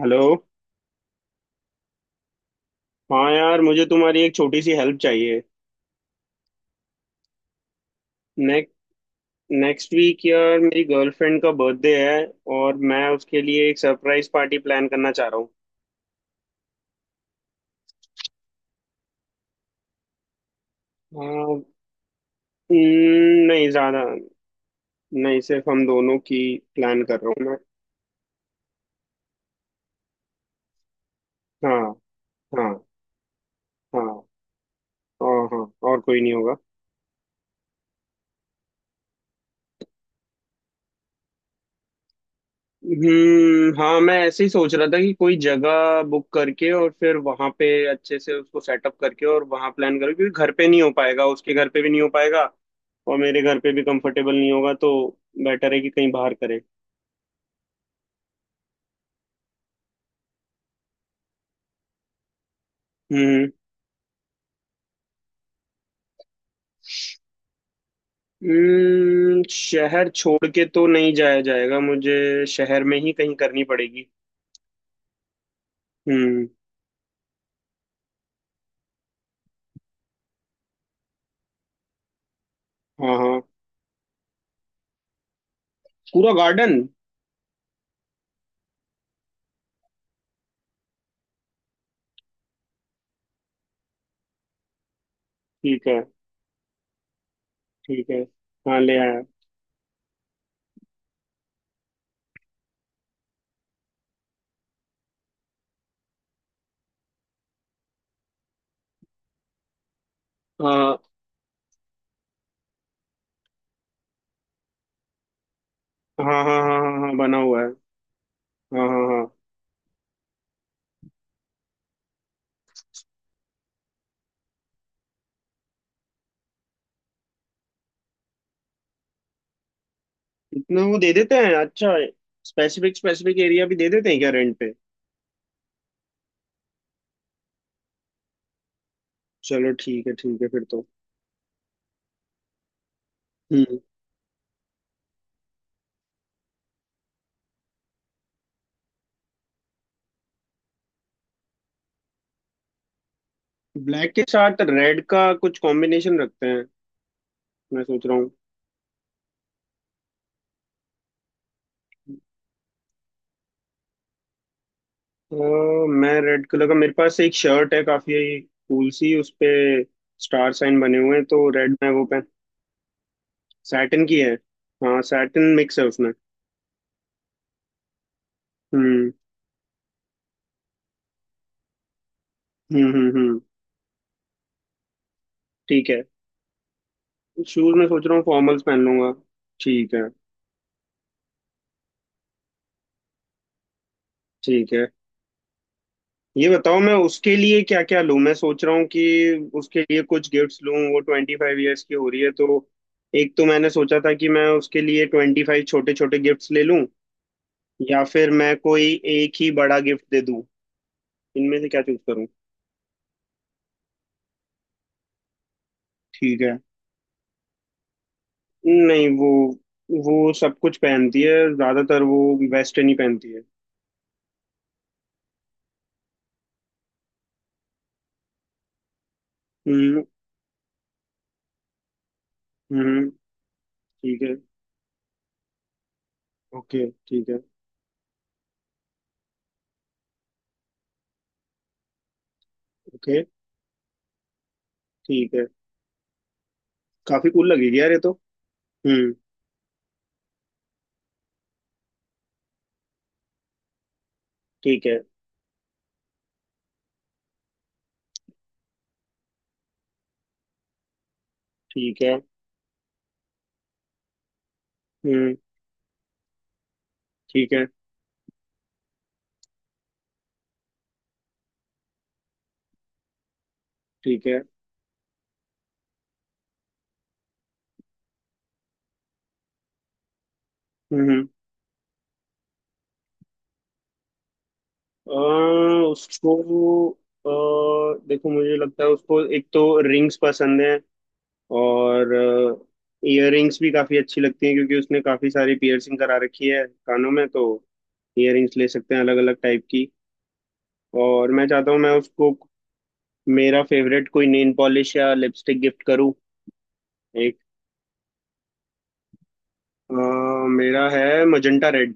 Hello. हाँ यार, मुझे तुम्हारी एक छोटी सी हेल्प चाहिए। नेक, नेक्स्ट वीक यार मेरी गर्लफ्रेंड का बर्थडे है, और मैं उसके लिए एक सरप्राइज पार्टी प्लान करना चाह रहा हूँ। हाँ। नहीं ज़्यादा, नहीं सिर्फ हम दोनों की। प्लान कर रहा हूँ मैं। हाँ, हाँ, हाँ। और हाँ, और कोई नहीं होगा। हम्म। हाँ, मैं ऐसे ही सोच रहा था कि कोई जगह बुक करके और फिर वहां पे अच्छे से उसको सेटअप करके और वहां प्लान करो, क्योंकि घर पे नहीं हो पाएगा, उसके घर पे भी नहीं हो पाएगा, और मेरे घर पे भी कंफर्टेबल नहीं होगा, तो बेटर है कि कहीं बाहर करें। हम्म। शहर छोड़ के तो नहीं जाया जाएगा, मुझे शहर में ही कहीं करनी पड़ेगी। हम्म। हाँ, हाँ। पूरा गार्डन। ठीक है। ठीक है। हाँ, ले आया। हाँ, हाँ, हाँ, हाँ, हाँ, हाँ बना हुआ है। हाँ, हाँ, हाँ। इतना वो दे देते हैं, अच्छा। स्पेसिफिक स्पेसिफिक एरिया भी दे देते हैं क्या रेंट पे? चलो ठीक है, ठीक है फिर तो। हम्म। ब्लैक के साथ रेड का कुछ कॉम्बिनेशन रखते हैं, मैं सोच रहा हूँ। अ, मैं रेड कलर का, मेरे पास एक शर्ट है काफी कूल सी, उस पे स्टार साइन बने हुए हैं, तो रेड में वो पहन। सैटिन की है। हाँ, सैटिन मिक्स है उसमें। हम्म हम्म। हम्म। ठीक है। शूज में सोच रहा हूँ फॉर्मल्स पहन लूंगा। ठीक है। ठीक है। ये बताओ मैं उसके लिए क्या क्या लूं। मैं सोच रहा हूँ कि उसके लिए कुछ गिफ्ट्स लूं, वो 25 ईयर्स की हो रही है, तो एक तो मैंने सोचा था कि मैं उसके लिए 25 छोटे छोटे गिफ्ट्स ले लूं, या फिर मैं कोई एक ही बड़ा गिफ्ट दे दूं। इनमें से क्या चूज करूं? ठीक है। नहीं, वो सब कुछ पहनती है, ज्यादातर वो वेस्टर्न ही पहनती है। हम्म। हम्म। ठीक है। ओके, ठीक है। ओके, ठीक है। काफी कूल लगेगी यार ये तो। हम्म। ठीक है। ठीक है। हम्म। ठीक है। ठीक है। हम्म। अ, उसको। देखो, मुझे लगता है उसको एक तो रिंग्स पसंद है, और इयररिंग्स भी काफी अच्छी लगती हैं, क्योंकि उसने काफी सारी पियर्सिंग करा रखी है कानों में, तो इयररिंग्स ले सकते हैं अलग अलग टाइप की। और मैं चाहता हूँ मैं उसको मेरा फेवरेट कोई नेल पॉलिश या लिपस्टिक गिफ्ट करूँ एक। अ, मेरा है मजेंटा रेड।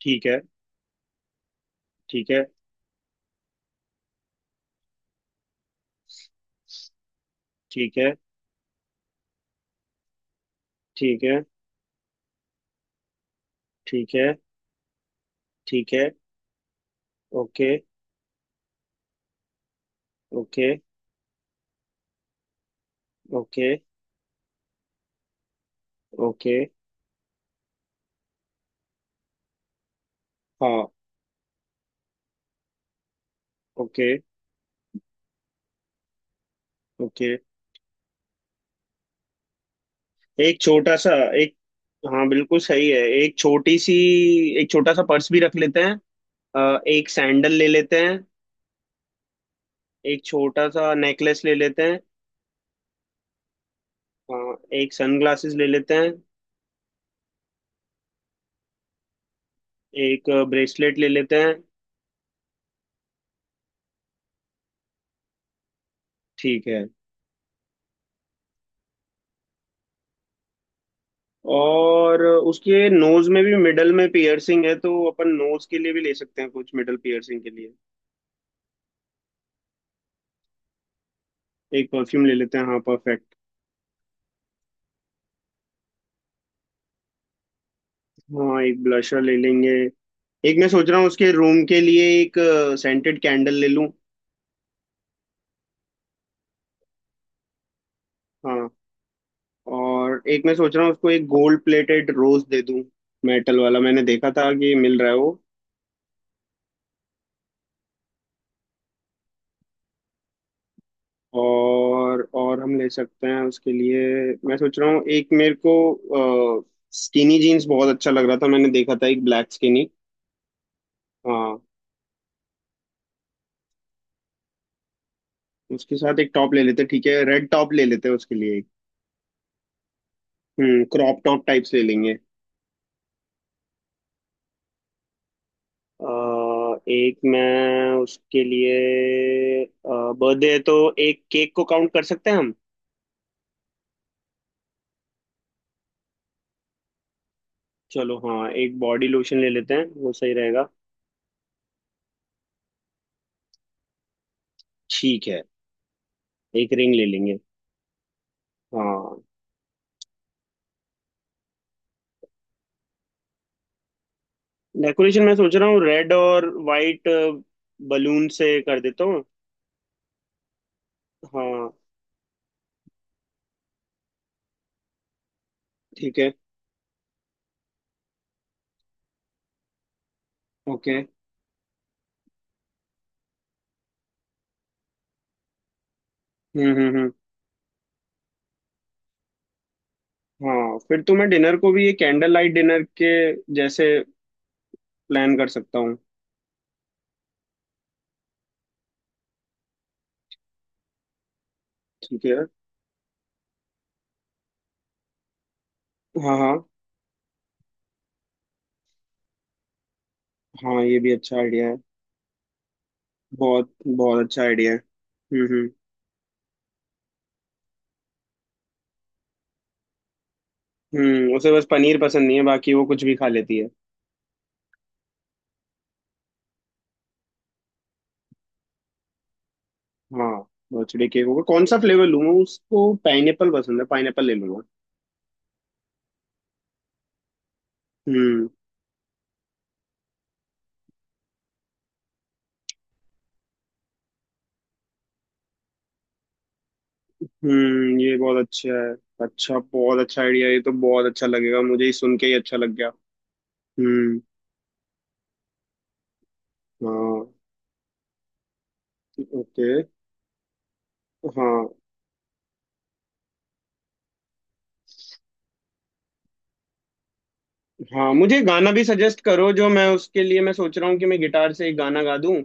ठीक है। ठीक है। ठीक है। ठीक है। ठीक है। ठीक है। ओके। ओके। ओके। ओके। हाँ। ओके। ओके। एक छोटा सा, एक, हाँ बिल्कुल सही है। एक छोटी सी, एक छोटा सा पर्स भी रख लेते हैं। एक सैंडल ले लेते हैं। एक छोटा सा नेकलेस ले लेते हैं। एक सनग्लासेस ले लेते हैं। एक ब्रेसलेट ले लेते हैं। ठीक है। और उसके नोज में भी मिडल में पियर्सिंग है, तो अपन नोज के लिए भी ले सकते हैं कुछ मिडल पियर्सिंग के लिए। एक परफ्यूम ले लेते हैं, हाँ परफेक्ट। हाँ, एक ब्लशर ले लेंगे। एक मैं सोच रहा हूँ उसके रूम के लिए एक सेंटेड कैंडल ले लूँ। हाँ। और एक मैं सोच रहा हूँ उसको एक गोल्ड प्लेटेड रोज दे दूँ, मेटल वाला, मैंने देखा था कि मिल रहा है वो। और हम ले सकते हैं उसके लिए। मैं सोच रहा हूँ एक मेरे को स्किनी जीन्स बहुत अच्छा लग रहा था, मैंने देखा था एक ब्लैक स्किनी। हाँ, उसके साथ एक टॉप ले लेते ठीक है, रेड टॉप ले लेते हैं उसके लिए एक। हम्म, क्रॉप टॉप टाइप से ले लेंगे। अ, एक मैं उसके लिए, बर्थडे है, तो एक केक को काउंट कर सकते हैं हम। चलो हाँ, एक बॉडी लोशन ले लेते हैं, वो सही रहेगा। ठीक है। एक रिंग ले लेंगे। हाँ। डेकोरेशन मैं सोच रहा हूँ रेड और वाइट बलून से कर देता हूँ। हाँ। ठीक है। ओके। हम्म। हम्म। हम्म। हाँ, फिर तो मैं डिनर को भी ये कैंडल लाइट डिनर के जैसे प्लान कर सकता हूँ। ठीक है। हाँ, हाँ। हाँ, ये भी अच्छा आइडिया है। बहुत बहुत अच्छा आइडिया है। हम्म। हम्म। उसे बस पनीर पसंद नहीं है, बाकी वो कुछ भी खा लेती है। हाँ। बर्थडे केक होगा, कौन सा फ्लेवर लूँ मैं? उसको पाइनएप्पल पसंद है, पाइनएप्पल ले लूंगा। हम्म। हम्म, ये बहुत अच्छा है। अच्छा, बहुत अच्छा आइडिया, ये तो बहुत अच्छा लगेगा, मुझे ही सुन के ही अच्छा लग गया। हम्म। हाँ। ओके। हाँ, हाँ, मुझे गाना भी सजेस्ट करो, जो मैं उसके लिए मैं सोच रहा हूँ कि मैं गिटार से एक गाना गा दूँ,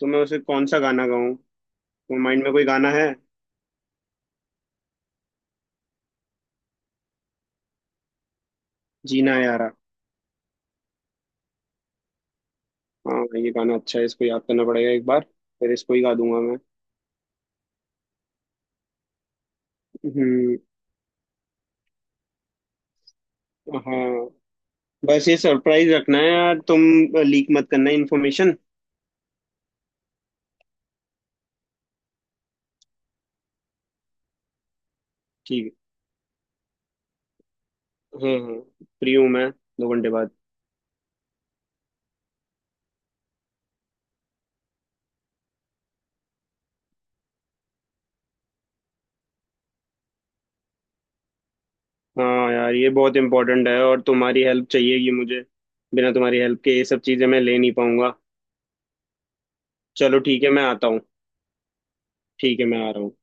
तो मैं उसे कौन सा गाना गाऊँ? तो माइंड में कोई गाना है? जीना यारा। हाँ, ये गाना अच्छा है, इसको याद करना पड़ेगा एक बार, फिर इसको ही गा दूंगा मैं। हम्म। हाँ। बस ये सरप्राइज रखना है यार तुम, लीक मत करना इन्फॉर्मेशन। ठीक है, हाँ हाँ, फ्री हूँ मैं 2 घंटे बाद। हाँ यार, ये बहुत इंपॉर्टेंट है और तुम्हारी हेल्प चाहिएगी मुझे, बिना तुम्हारी हेल्प के ये सब चीज़ें मैं ले नहीं पाऊंगा। चलो ठीक है, मैं आता हूँ। ठीक है, मैं आ रहा हूँ।